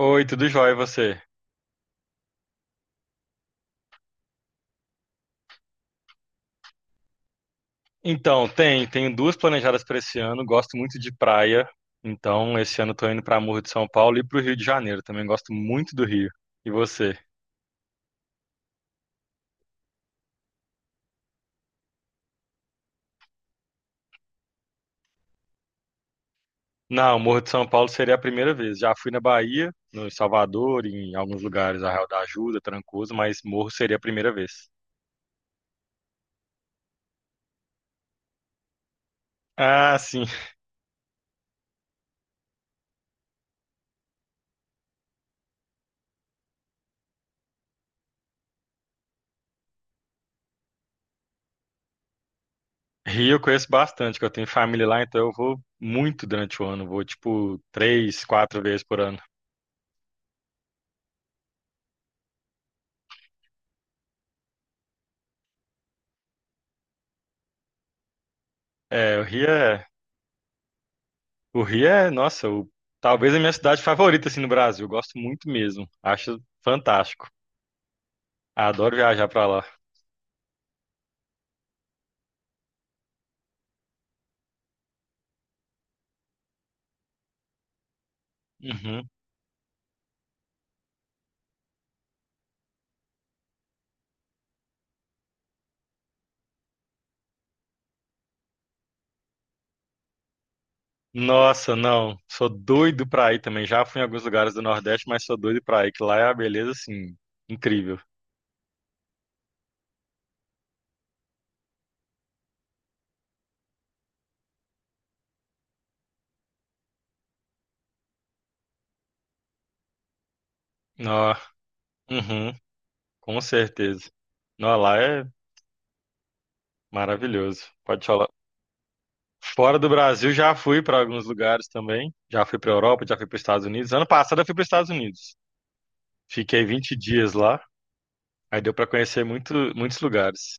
Oi, tudo jóia e você? Então, tenho duas planejadas para esse ano. Gosto muito de praia, então esse ano estou indo para Morro de São Paulo e para o Rio de Janeiro. Também gosto muito do Rio. E você? Não, Morro de São Paulo seria a primeira vez. Já fui na Bahia, no Salvador, em alguns lugares, Arraial da Ajuda, Trancoso, mas Morro seria a primeira vez. Ah, sim. Rio eu conheço bastante, que eu tenho família lá, então eu vou muito durante o ano. Vou tipo 3, 4 vezes por ano. É, o Rio é O Rio é, nossa, talvez a minha cidade favorita assim no Brasil. Eu gosto muito mesmo. Acho fantástico. Adoro viajar pra lá. Uhum. Nossa, não. Sou doido pra ir também. Já fui em alguns lugares do Nordeste, mas sou doido pra ir, que lá é a beleza assim incrível. Nó. Uhum. Com certeza. Nó, lá é maravilhoso. Pode falar. Fora do Brasil, já fui pra alguns lugares também. Já fui pra Europa, já fui para Estados Unidos. Ano passado eu fui para Estados Unidos. Fiquei 20 dias lá. Aí deu pra conhecer muitos lugares.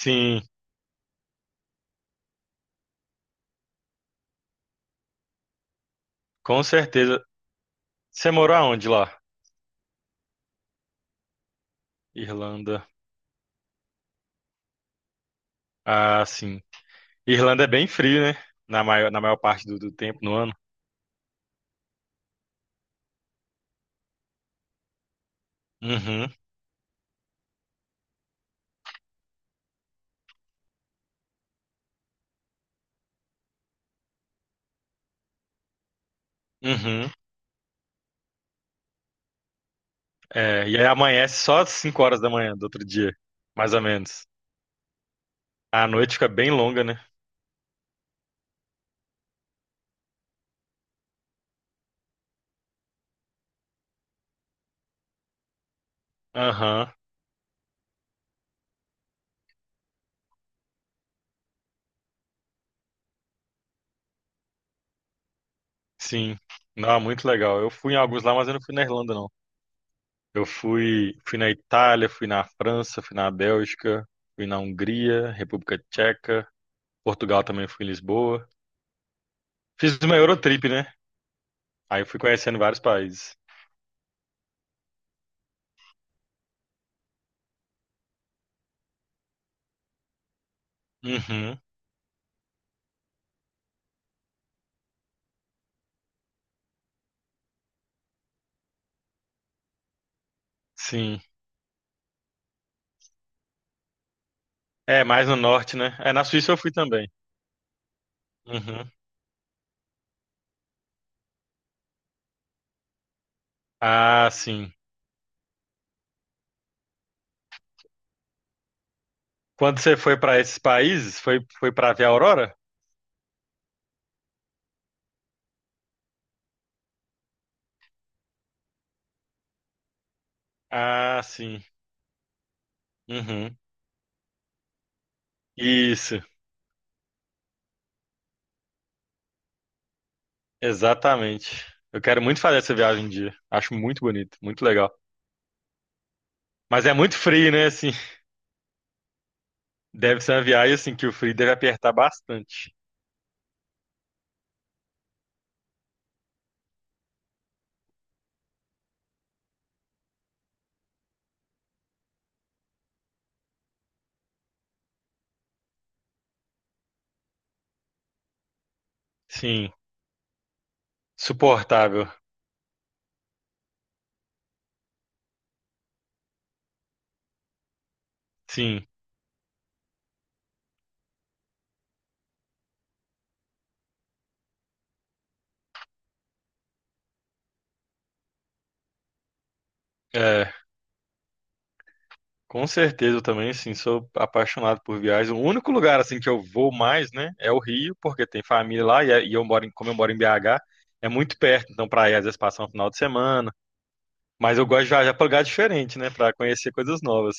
Sim, com certeza. Você morou aonde lá? Irlanda. Ah, sim. Irlanda é bem frio, né? Na maior parte do tempo no ano. Uhum, uhum. É, e aí amanhece só às 5 horas da manhã do outro dia, mais ou menos. A noite fica bem longa, né? Aham, sim. Não, muito legal. Eu fui em alguns lá, mas eu não fui na Irlanda, não. Fui na Itália, fui na França, fui na Bélgica, fui na Hungria, República Tcheca. Portugal também fui em Lisboa. Fiz uma Eurotrip, né? Aí eu fui conhecendo vários países. Uhum, sim. É, mais no norte, né? É, na Suíça eu fui também. Uhum. Ah, sim. Quando você foi para esses países, foi para ver a aurora? Ah, sim. Uhum. Isso, exatamente. Eu quero muito fazer essa viagem um dia. Acho muito bonito, muito legal. Mas é muito frio, né? Assim, deve ser uma viagem assim que o frio deve apertar bastante. Sim, suportável. Sim. É. Com certeza, eu também, assim, sou apaixonado por viagens. O único lugar, assim, que eu vou mais, né, é o Rio, porque tem família lá e, e eu moro em, como eu moro em BH, é muito perto, então pra ir às vezes passar um final de semana. Mas eu gosto de viajar pra lugar diferente, né, pra conhecer coisas novas.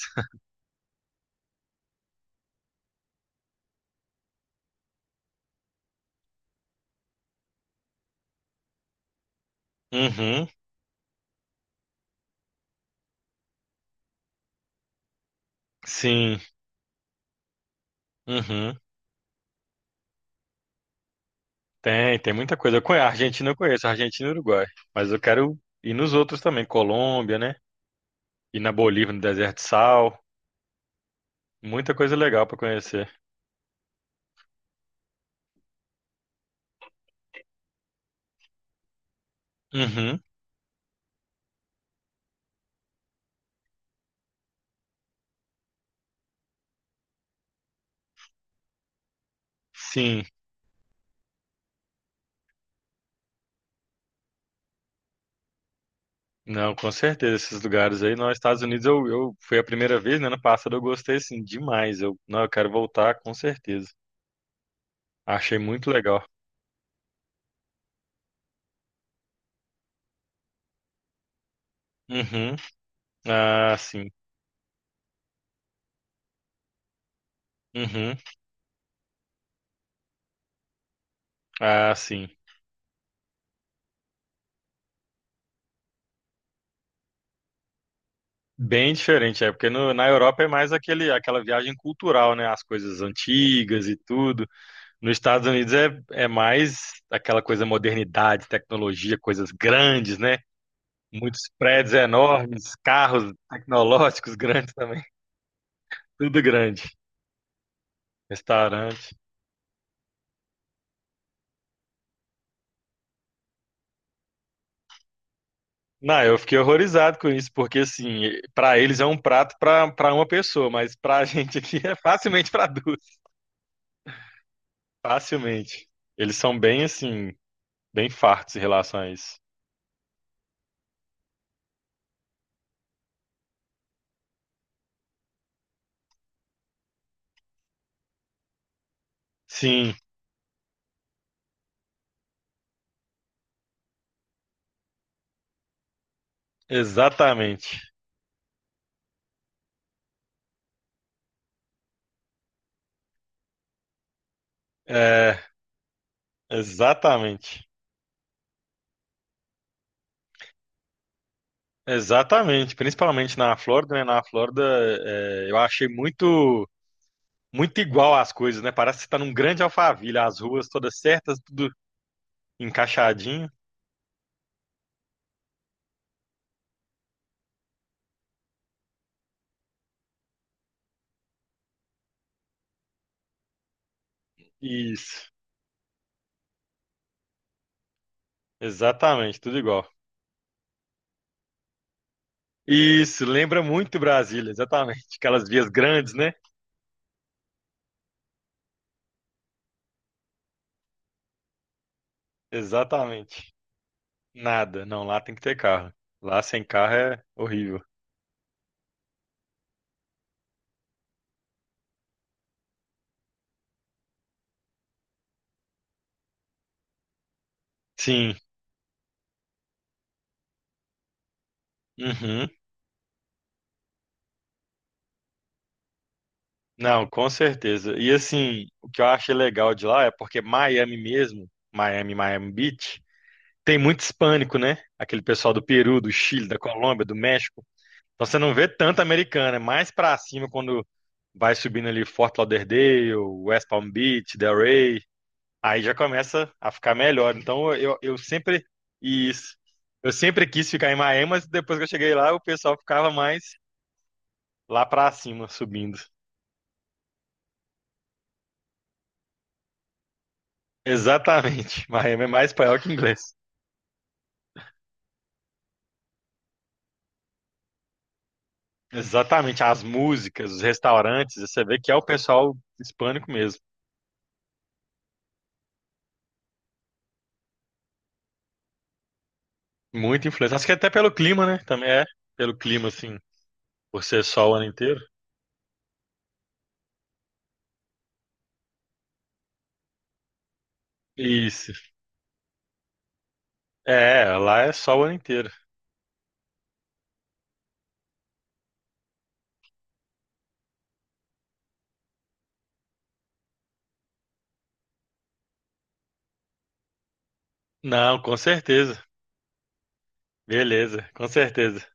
Uhum, sim, uhum. Tem, tem muita coisa. Eu conheço, a Argentina eu conheço, a Argentina e o Uruguai. Mas eu quero ir nos outros também, Colômbia, né, ir na Bolívia, no Deserto de Sal. Muita coisa legal pra conhecer. Uhum, sim. Não, com certeza, esses lugares aí. Nos Estados Unidos eu foi a primeira vez, né? Ano passado eu gostei assim demais. Eu, não, eu quero voltar com certeza. Achei muito legal. Uhum. Ah, sim. Uhum. Ah, sim. Bem diferente, é porque na Europa é mais aquela viagem cultural, né? As coisas antigas e tudo. Nos Estados Unidos é mais aquela coisa modernidade, tecnologia, coisas grandes, né? Muitos prédios enormes, carros tecnológicos grandes também. Tudo grande. Restaurante. Não, eu fiquei horrorizado com isso, porque assim, pra eles é um prato pra para uma pessoa, mas pra gente aqui é facilmente pra duas, facilmente. Eles são bem assim, bem fartos em relação a isso. Sim, exatamente. É, exatamente. Exatamente, principalmente na Flórida, né? Na Flórida, é, eu achei muito igual as coisas, né? Parece que você tá num grande Alphaville, as ruas todas certas, tudo encaixadinho. Isso, exatamente, tudo igual. Isso, lembra muito Brasília, exatamente. Aquelas vias grandes, né? Exatamente. Nada, não, lá tem que ter carro. Lá sem carro é horrível. Sim, uhum. Não, com certeza. E assim, o que eu achei legal de lá é porque Miami mesmo, Miami Beach, tem muito hispânico, né? Aquele pessoal do Peru, do Chile, da Colômbia, do México. Então você não vê tanto americano, é mais pra cima quando vai subindo ali Fort Lauderdale, West Palm Beach, Delray. Aí já começa a ficar melhor. Então eu sempre isso. Eu sempre quis ficar em Miami, mas depois que eu cheguei lá, o pessoal ficava mais lá pra cima, subindo. Exatamente. Miami é mais espanhol que inglês. Exatamente. As músicas, os restaurantes, você vê que é o pessoal hispânico mesmo. Muito influência. Acho que até pelo clima, né? Também é pelo clima, assim, por ser sol o ano inteiro. Isso. É, lá é sol o ano inteiro. Não, com certeza. Beleza, com certeza.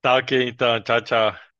Tá ok, então. Tchau, tchau.